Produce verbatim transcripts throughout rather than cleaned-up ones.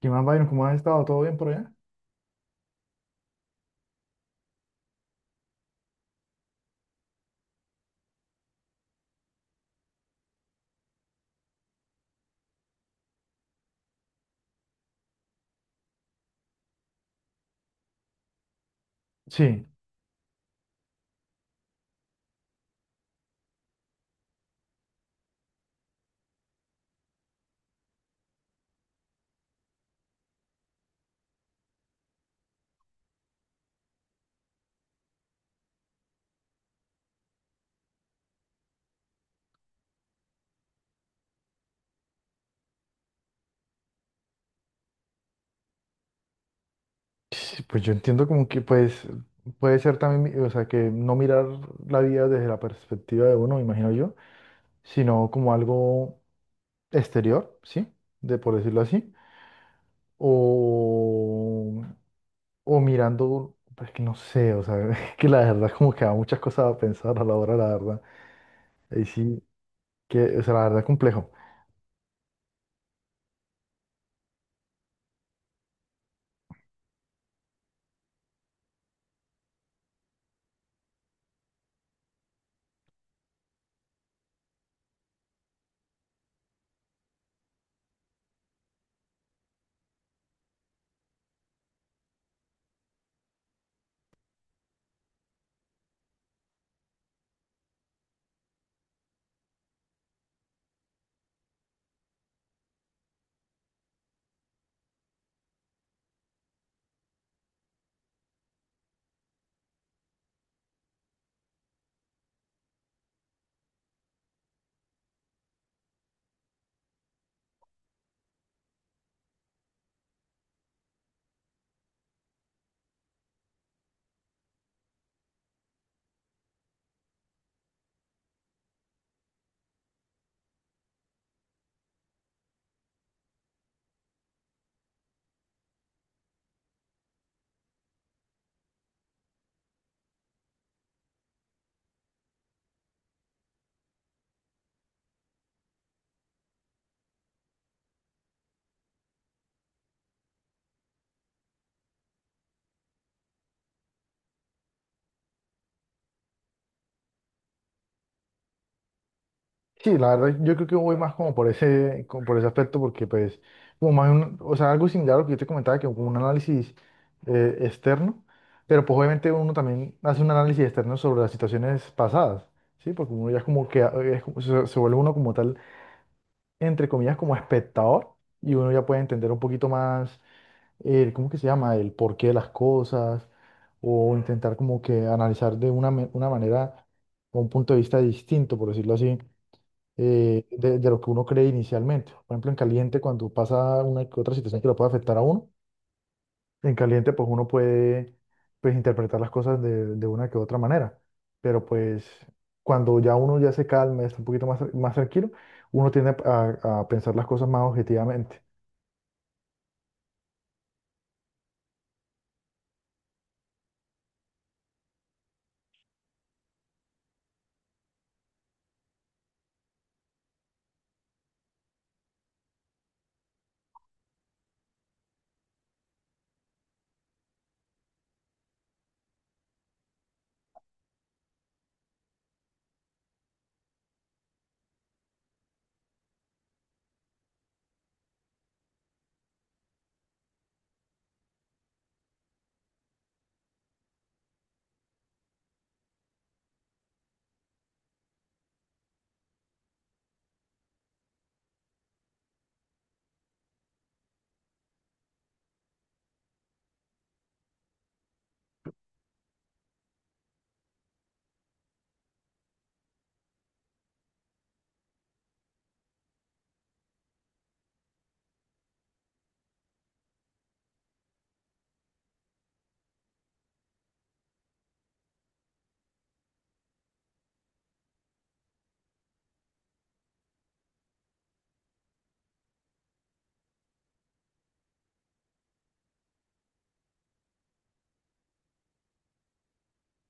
¿Qué más, Byron? ¿Cómo has estado? ¿Todo bien por allá? Sí, sí, pues yo entiendo como que pues puede ser también, mi- o sea, que no mirar la vida desde la perspectiva de uno, me imagino yo, sino como algo exterior, ¿sí? De por decirlo así, o, o mirando, pues que no sé, o sea, que la verdad como que da muchas cosas a pensar a la hora, la verdad. Y sí, que, o sea, la verdad complejo. Sí, la verdad, yo creo que voy más como por ese, como por ese aspecto, porque pues, como más un- o sea, algo similar a lo que yo te comentaba, que como un análisis eh, externo, pero pues obviamente uno también hace un análisis externo sobre las situaciones pasadas, ¿sí? Porque uno ya es como que eh, es como- se, se vuelve uno como tal, entre comillas, como espectador, y uno ya puede entender un poquito más, el, ¿cómo que se llama? El porqué de las cosas, o intentar como que analizar de una, me- una manera, o un punto de vista distinto, por decirlo así eh, de, de lo que uno cree inicialmente. Por ejemplo, en caliente, cuando pasa una que otra situación que lo puede afectar a uno, en caliente, pues uno puede pues, interpretar las cosas de, de una que otra manera. Pero pues cuando ya uno ya se calma, está un poquito más, tra- más tranquilo, uno tiende a, a pensar las cosas más objetivamente.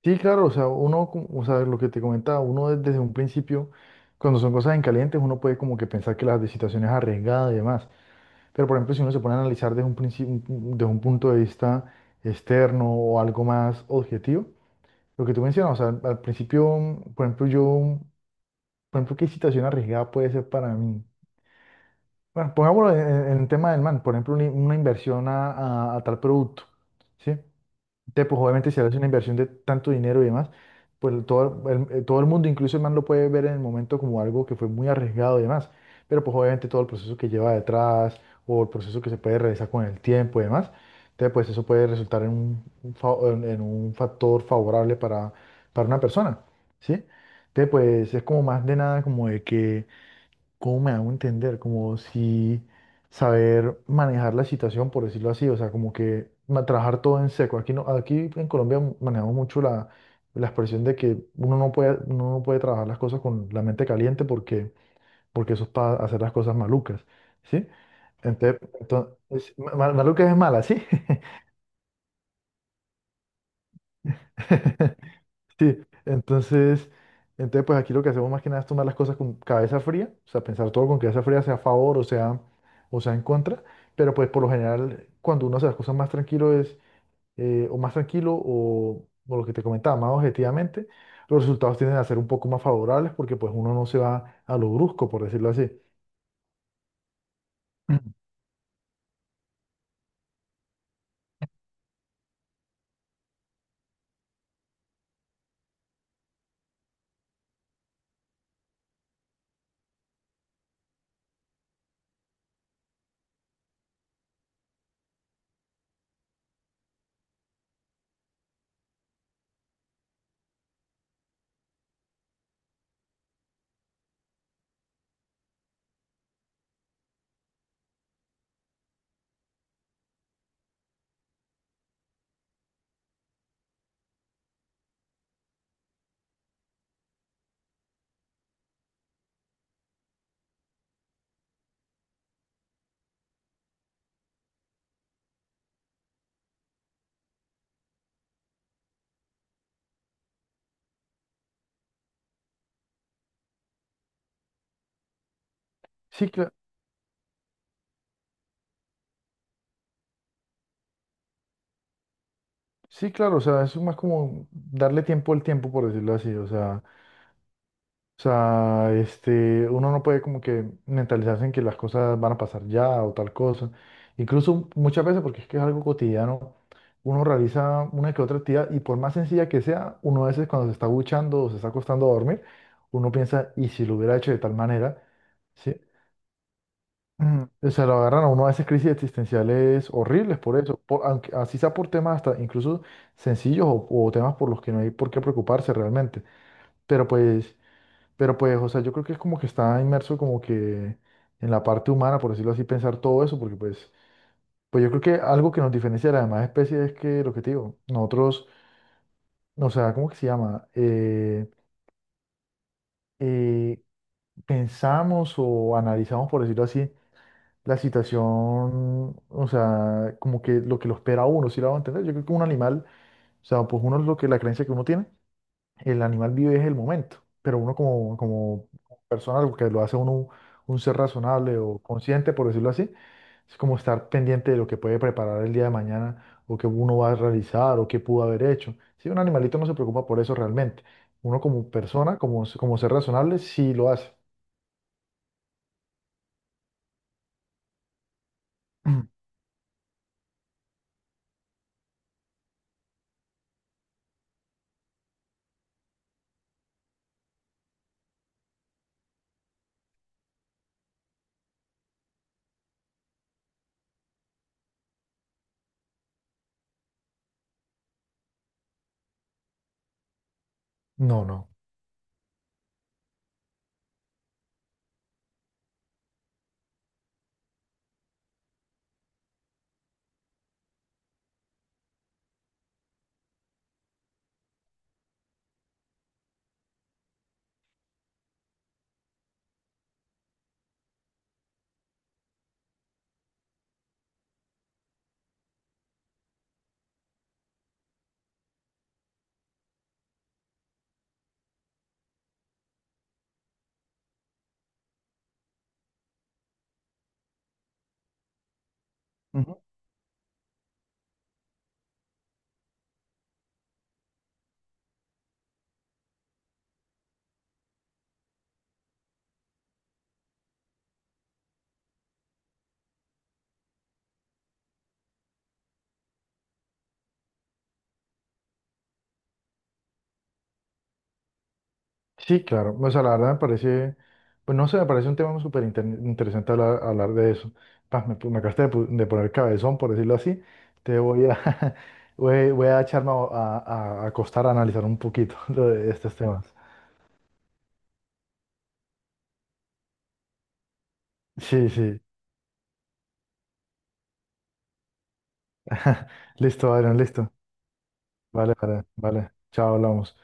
Sí, claro, o sea, uno, cu- o sea, lo que te comentaba, uno desde un principio, cuando son cosas en caliente, uno puede como que pensar que las de situación es arriesgada y demás. Pero, por ejemplo, si uno se pone a analizar desde un principio, desde un punto de vista externo o algo más objetivo, lo que tú mencionas, o sea, al, al principio, mm, por ejemplo, yo, mm, por ejemplo, ¿qué situación arriesgada puede ser para mí? Bueno, pongámoslo en, en el tema del man, por ejemplo, una, una inversión a, a- a tal producto, ¿sí? Entonces, pues obviamente si haces una inversión de tanto dinero y demás, pues todo el, eh, todo el mundo, incluso el man lo puede ver en el momento como algo que fue muy arriesgado y demás, pero pues obviamente todo el proceso que lleva detrás o el proceso que se puede realizar con el tiempo y demás, entonces pues eso puede resultar en un, un fa- en, en un factor favorable para, para una persona, ¿sí? Entonces pues es como más de nada como de que ¿cómo me hago entender? Como si saber manejar la situación, por decirlo así, o sea, como que ma- trabajar todo en seco. Aquí, no, aquí en Colombia manejamos mucho la, la expresión de que uno no puede, uno no puede trabajar las cosas con la mente caliente porque, porque eso es para hacer las cosas malucas, ¿sí? Entonces, entonces ma- ma- malucas es mala, ¿sí? Sí, entonces, entonces, pues aquí lo que hacemos más que nada es tomar las cosas con cabeza fría, o sea, pensar todo con cabeza fría, sea a favor o sea, o sea en contra, pero pues por lo general, cuando uno hace las cosas más tranquilo es, eh, o más tranquilo, o, o lo que te comentaba, más objetivamente, los resultados tienden a ser un poco más favorables porque pues uno no se va a lo brusco, por decirlo así. Ujú. Sí, cla- sí, claro, o sea, es más como darle tiempo al tiempo, por decirlo así, o sea, o sea, este, uno no puede como que mentalizarse en que las cosas van a pasar ya o tal cosa. Incluso muchas veces, porque es que es algo cotidiano, uno realiza una que otra actividad y por más sencilla que sea, uno a veces cuando se está duchando o se está acostando a dormir, uno piensa, ¿y si lo hubiera hecho de tal manera? ¿Sí? Mm, o sea, lo agarran a uno a veces crisis existenciales horribles por eso, por- aunque, así sea por temas hasta incluso sencillos o, o temas por los que no hay por qué preocuparse realmente. Pero pues... Pero pues, o sea, yo creo que es como que está inmerso como que en la parte humana, por decirlo así, pensar todo eso, porque pues, pues yo creo que algo que nos diferencia de las demás especies es que, lo que te digo, nosotros, no, o sea, ¿cómo que se llama? Eh, eh, pensamos o analizamos, por decirlo así, la situación, o sea, como que lo que lo espera a uno, ¿si lo va a entender? Yo creo que un animal, o sea, pues uno es lo que, la creencia que uno tiene, el animal vive es el momento, pero uno como, como persona, lo que lo hace uno un ser razonable o consciente, por decirlo así, es como estar pendiente de lo que puede preparar el día de mañana o que uno va a realizar o qué pudo haber hecho. Si un animalito no se preocupa por eso realmente, uno como persona, como, como ser razonable, sí lo hace. No, no. Sí, claro. O sea, la verdad me parece, pues no sé, me parece un tema súper inter- interesante hablar, hablar de eso. Paz, me, me acabaste de, pu- de poner cabezón, por decirlo así. Te voy a, voy, voy a echarme a, a- a acostar a analizar un poquito lo de estos temas. Sí, sí. Listo, Adrián, listo. Vale, vale, vale. Chao, hablamos.